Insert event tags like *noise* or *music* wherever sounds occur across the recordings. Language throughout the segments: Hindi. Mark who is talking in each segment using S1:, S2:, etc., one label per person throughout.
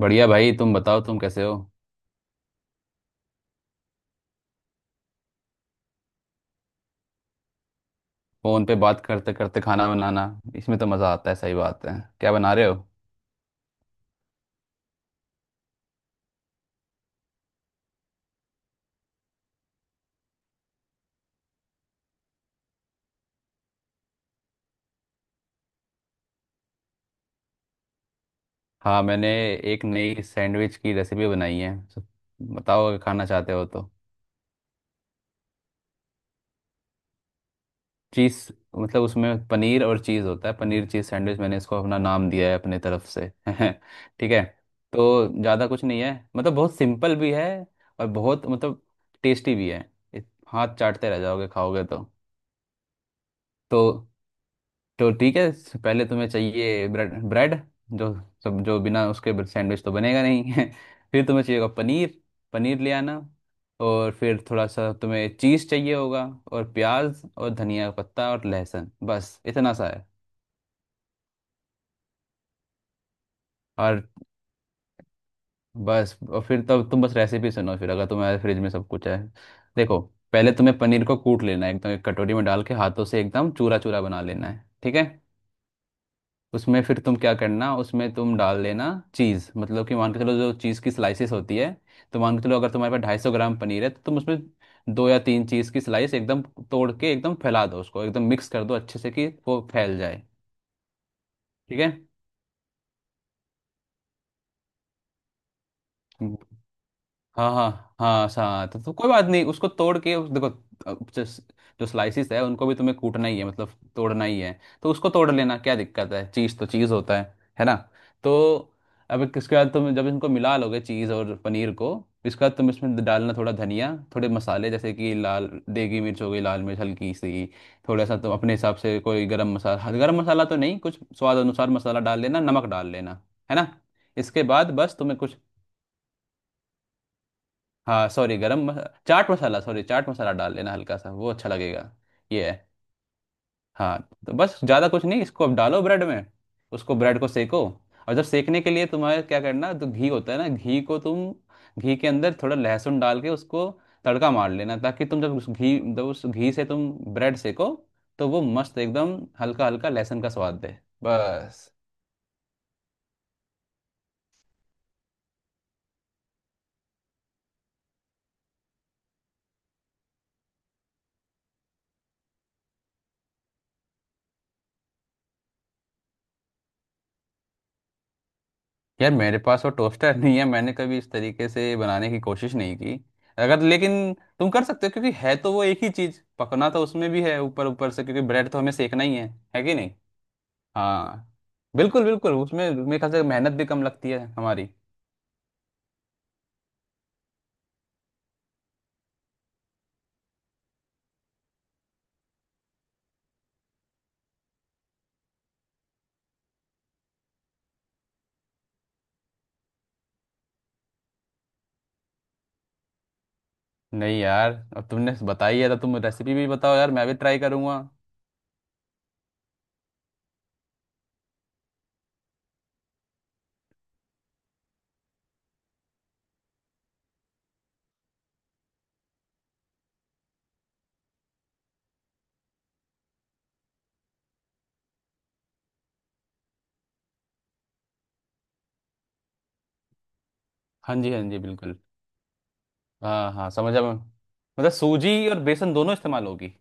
S1: बढ़िया भाई। तुम बताओ, तुम कैसे हो? फोन पे बात करते करते खाना बनाना, इसमें तो मज़ा आता है। सही बात है। क्या बना रहे हो? हाँ, मैंने एक नई सैंडविच की रेसिपी बनाई है। बताओ अगर खाना चाहते हो तो। चीज़, मतलब उसमें पनीर और चीज़ होता है। पनीर चीज़ सैंडविच, मैंने इसको अपना नाम दिया है अपने तरफ से *laughs* ठीक है। तो ज़्यादा कुछ नहीं है, मतलब बहुत सिंपल भी है। और बहुत मतलब टेस्टी भी है। हाथ चाटते रह जाओगे खाओगे तो। तो तो ठीक है। पहले तुम्हें चाहिए ब्रेड। जो जो बिना उसके सैंडविच तो बनेगा नहीं *laughs* फिर तुम्हें चाहिए होगा पनीर। पनीर ले आना। और फिर थोड़ा सा तुम्हें चीज़ चाहिए होगा। और प्याज और धनिया का पत्ता और लहसुन, बस इतना सा है। और बस, और फिर तब तुम बस रेसिपी सुनो, फिर अगर तुम्हारे फ्रिज में सब कुछ है। देखो, पहले तुम्हें पनीर को कूट लेना है एकदम, एक कटोरी में डाल के हाथों से एकदम चूरा चूरा बना लेना है। ठीक है। उसमें फिर तुम क्या करना, उसमें तुम डाल देना चीज़, मतलब कि मान के चलो जो चीज़ की स्लाइसेस होती है। तो मान के चलो अगर तुम्हारे पास 250 ग्राम पनीर है तो तुम उसमें दो या तीन चीज़ की स्लाइस एकदम तोड़ के एकदम फैला दो उसको, एकदम मिक्स कर दो अच्छे से कि वो फैल जाए। ठीक है। हाँ हाँ हाँ, सा तो कोई बात नहीं, उसको तोड़ के देखो अब जो स्लाइसिस है उनको भी तुम्हें कूटना ही है, मतलब तोड़ना ही है, तो उसको तोड़ लेना, क्या दिक्कत है? चीज़ तो चीज़ होता है ना? तो अब एक, इसके बाद तुम जब इनको मिला लोगे चीज़ और पनीर को, इसके बाद तुम इसमें डालना थोड़ा धनिया, थोड़े मसाले, जैसे कि लाल देगी मिर्च हो गई, लाल मिर्च हल्की सी। थोड़ा सा तुम अपने हिसाब से कोई गरम मसाला, गरम मसाला तो नहीं, कुछ स्वाद अनुसार मसाला डाल लेना, नमक डाल लेना, है ना? इसके बाद बस तुम्हें कुछ, हाँ सॉरी, चाट मसाला, सॉरी, चाट मसाला डाल लेना हल्का सा, वो अच्छा लगेगा। ये है। हाँ। तो बस ज़्यादा कुछ नहीं, इसको अब डालो ब्रेड में, उसको ब्रेड को सेको। और जब सेकने के लिए तुम्हारे क्या करना, तो घी होता है ना, घी को तुम घी के अंदर थोड़ा लहसुन डाल के उसको तड़का मार लेना, ताकि तुम जब उस घी, से तुम ब्रेड सेको तो वो मस्त एकदम हल्का हल्का लहसुन का स्वाद दे। बस। यार मेरे पास वो टोस्टर नहीं है, मैंने कभी इस तरीके से बनाने की कोशिश नहीं की। अगर, लेकिन तुम कर सकते हो, क्योंकि है तो वो एक ही चीज, पकना तो उसमें भी है ऊपर ऊपर से, क्योंकि ब्रेड तो हमें सेकना ही है कि नहीं? हाँ। बिल्कुल बिल्कुल, उसमें मेरे ख्याल से मेहनत भी कम लगती है हमारी। नहीं यार, अब तुमने बताई है तो तुम रेसिपी भी बताओ यार, मैं भी ट्राई करूंगा। हाँ जी हाँ जी, बिल्कुल। हाँ हाँ, समझा मैं, मतलब सूजी और बेसन दोनों इस्तेमाल होगी।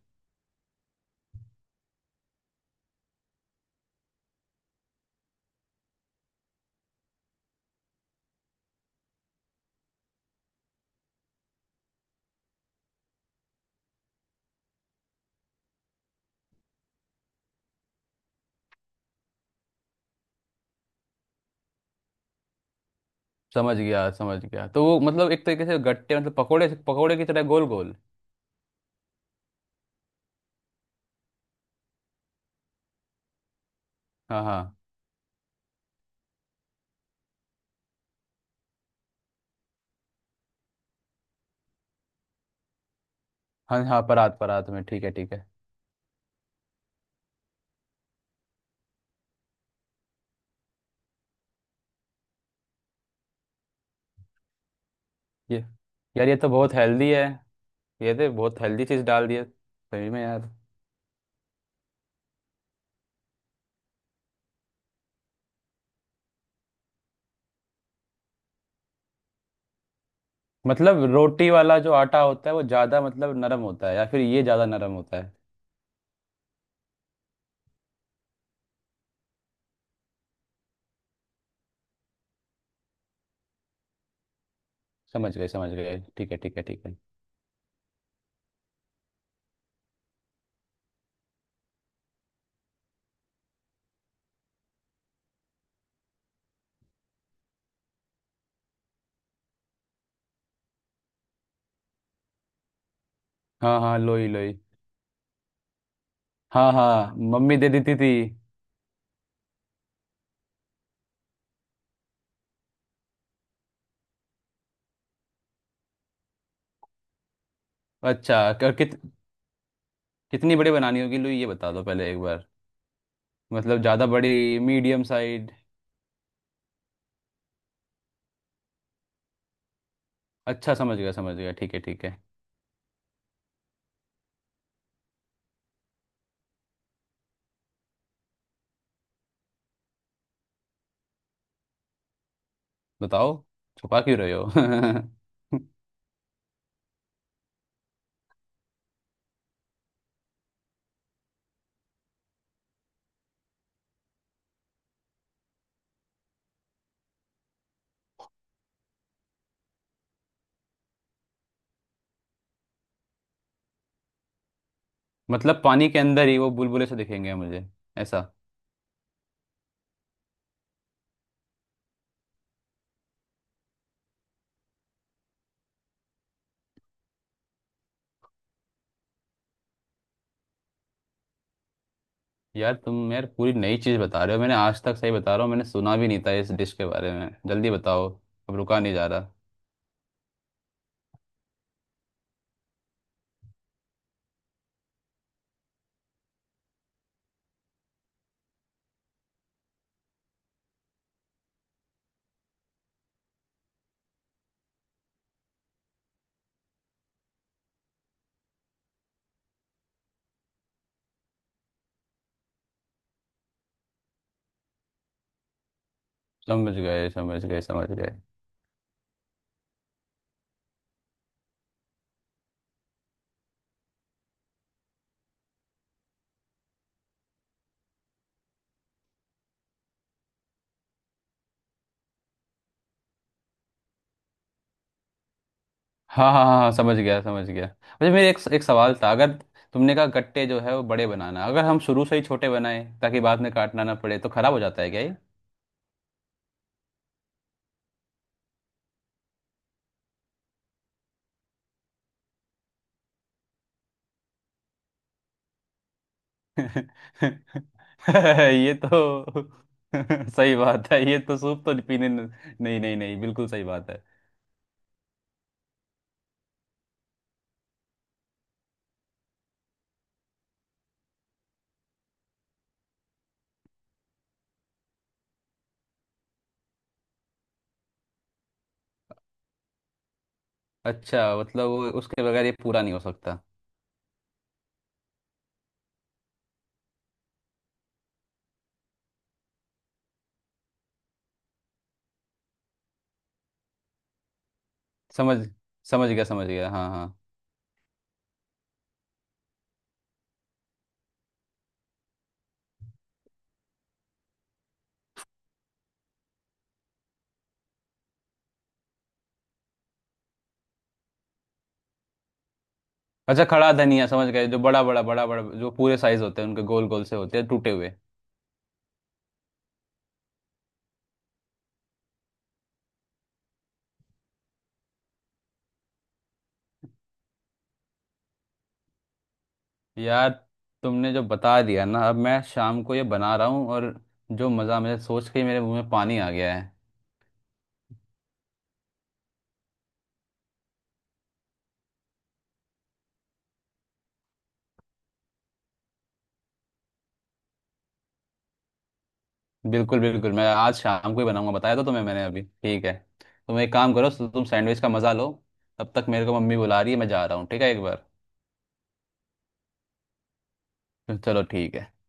S1: समझ गया समझ गया, तो वो मतलब एक तरीके से गट्टे मतलब पकोड़े पकोड़े की तरह गोल गोल। हाँ हाँ हाँ हाँ, परात, परात में, ठीक है ठीक है। ये, यार ये तो बहुत हेल्दी है। ये तो बहुत हेल्दी चीज़ डाल दी है सही में यार। मतलब रोटी वाला जो आटा होता है वो ज़्यादा मतलब नरम होता है, या फिर ये ज़्यादा नरम होता है? समझ गए समझ गए, ठीक है ठीक है ठीक है। हाँ हाँ, लोई लोई। हाँ हाँ, मम्मी दे देती थी। अच्छा, क- कित कितनी बड़ी बनानी होगी लोई, ये बता दो पहले एक बार। मतलब ज़्यादा बड़ी, मीडियम साइड? अच्छा, समझ गया समझ गया, ठीक है ठीक है। बताओ, छुपा क्यों रहे हो? *laughs* मतलब पानी के अंदर ही वो बुलबुले से दिखेंगे मुझे, ऐसा? यार तुम यार पूरी नई चीज़ बता रहे हो, मैंने आज तक, सही बता रहा हूँ, मैंने सुना भी नहीं था इस डिश के बारे में, जल्दी बताओ। अब रुका नहीं जा रहा। समझ गए समझ गए समझ गए। हाँ हाँ हाँ हाँ, समझ गया समझ गया। मुझे, मेरे एक एक सवाल था। अगर तुमने कहा गट्टे जो है वो बड़े बनाना, अगर हम शुरू से ही छोटे बनाए ताकि बाद में काटना ना पड़े, तो खराब हो जाता है क्या ये? *laughs* ये तो *laughs* सही बात है, ये तो सूप तो पीने न- नहीं नहीं नहीं, बिल्कुल सही बात है। अच्छा, मतलब वो उसके बगैर ये पूरा नहीं हो सकता। समझ समझ गया हाँ हाँ। अच्छा, खड़ा धनिया समझ गए, जो बड़ा बड़ा बड़ा बड़ा जो पूरे साइज होते हैं उनके गोल गोल से होते हैं टूटे हुए। यार, तुमने जो बता दिया ना, अब मैं शाम को ये बना रहा हूँ, और जो मज़ा, मुझे सोच के ही मेरे मुंह में पानी आ गया है। बिल्कुल बिल्कुल, मैं आज शाम को ही बनाऊंगा, बताया तो तुम्हें मैंने अभी, ठीक है। तुम एक काम करो, तुम सैंडविच का मज़ा लो, तब तक मेरे को मम्मी बुला रही है, मैं जा रहा हूँ, ठीक है, एक बार। चलो ठीक है।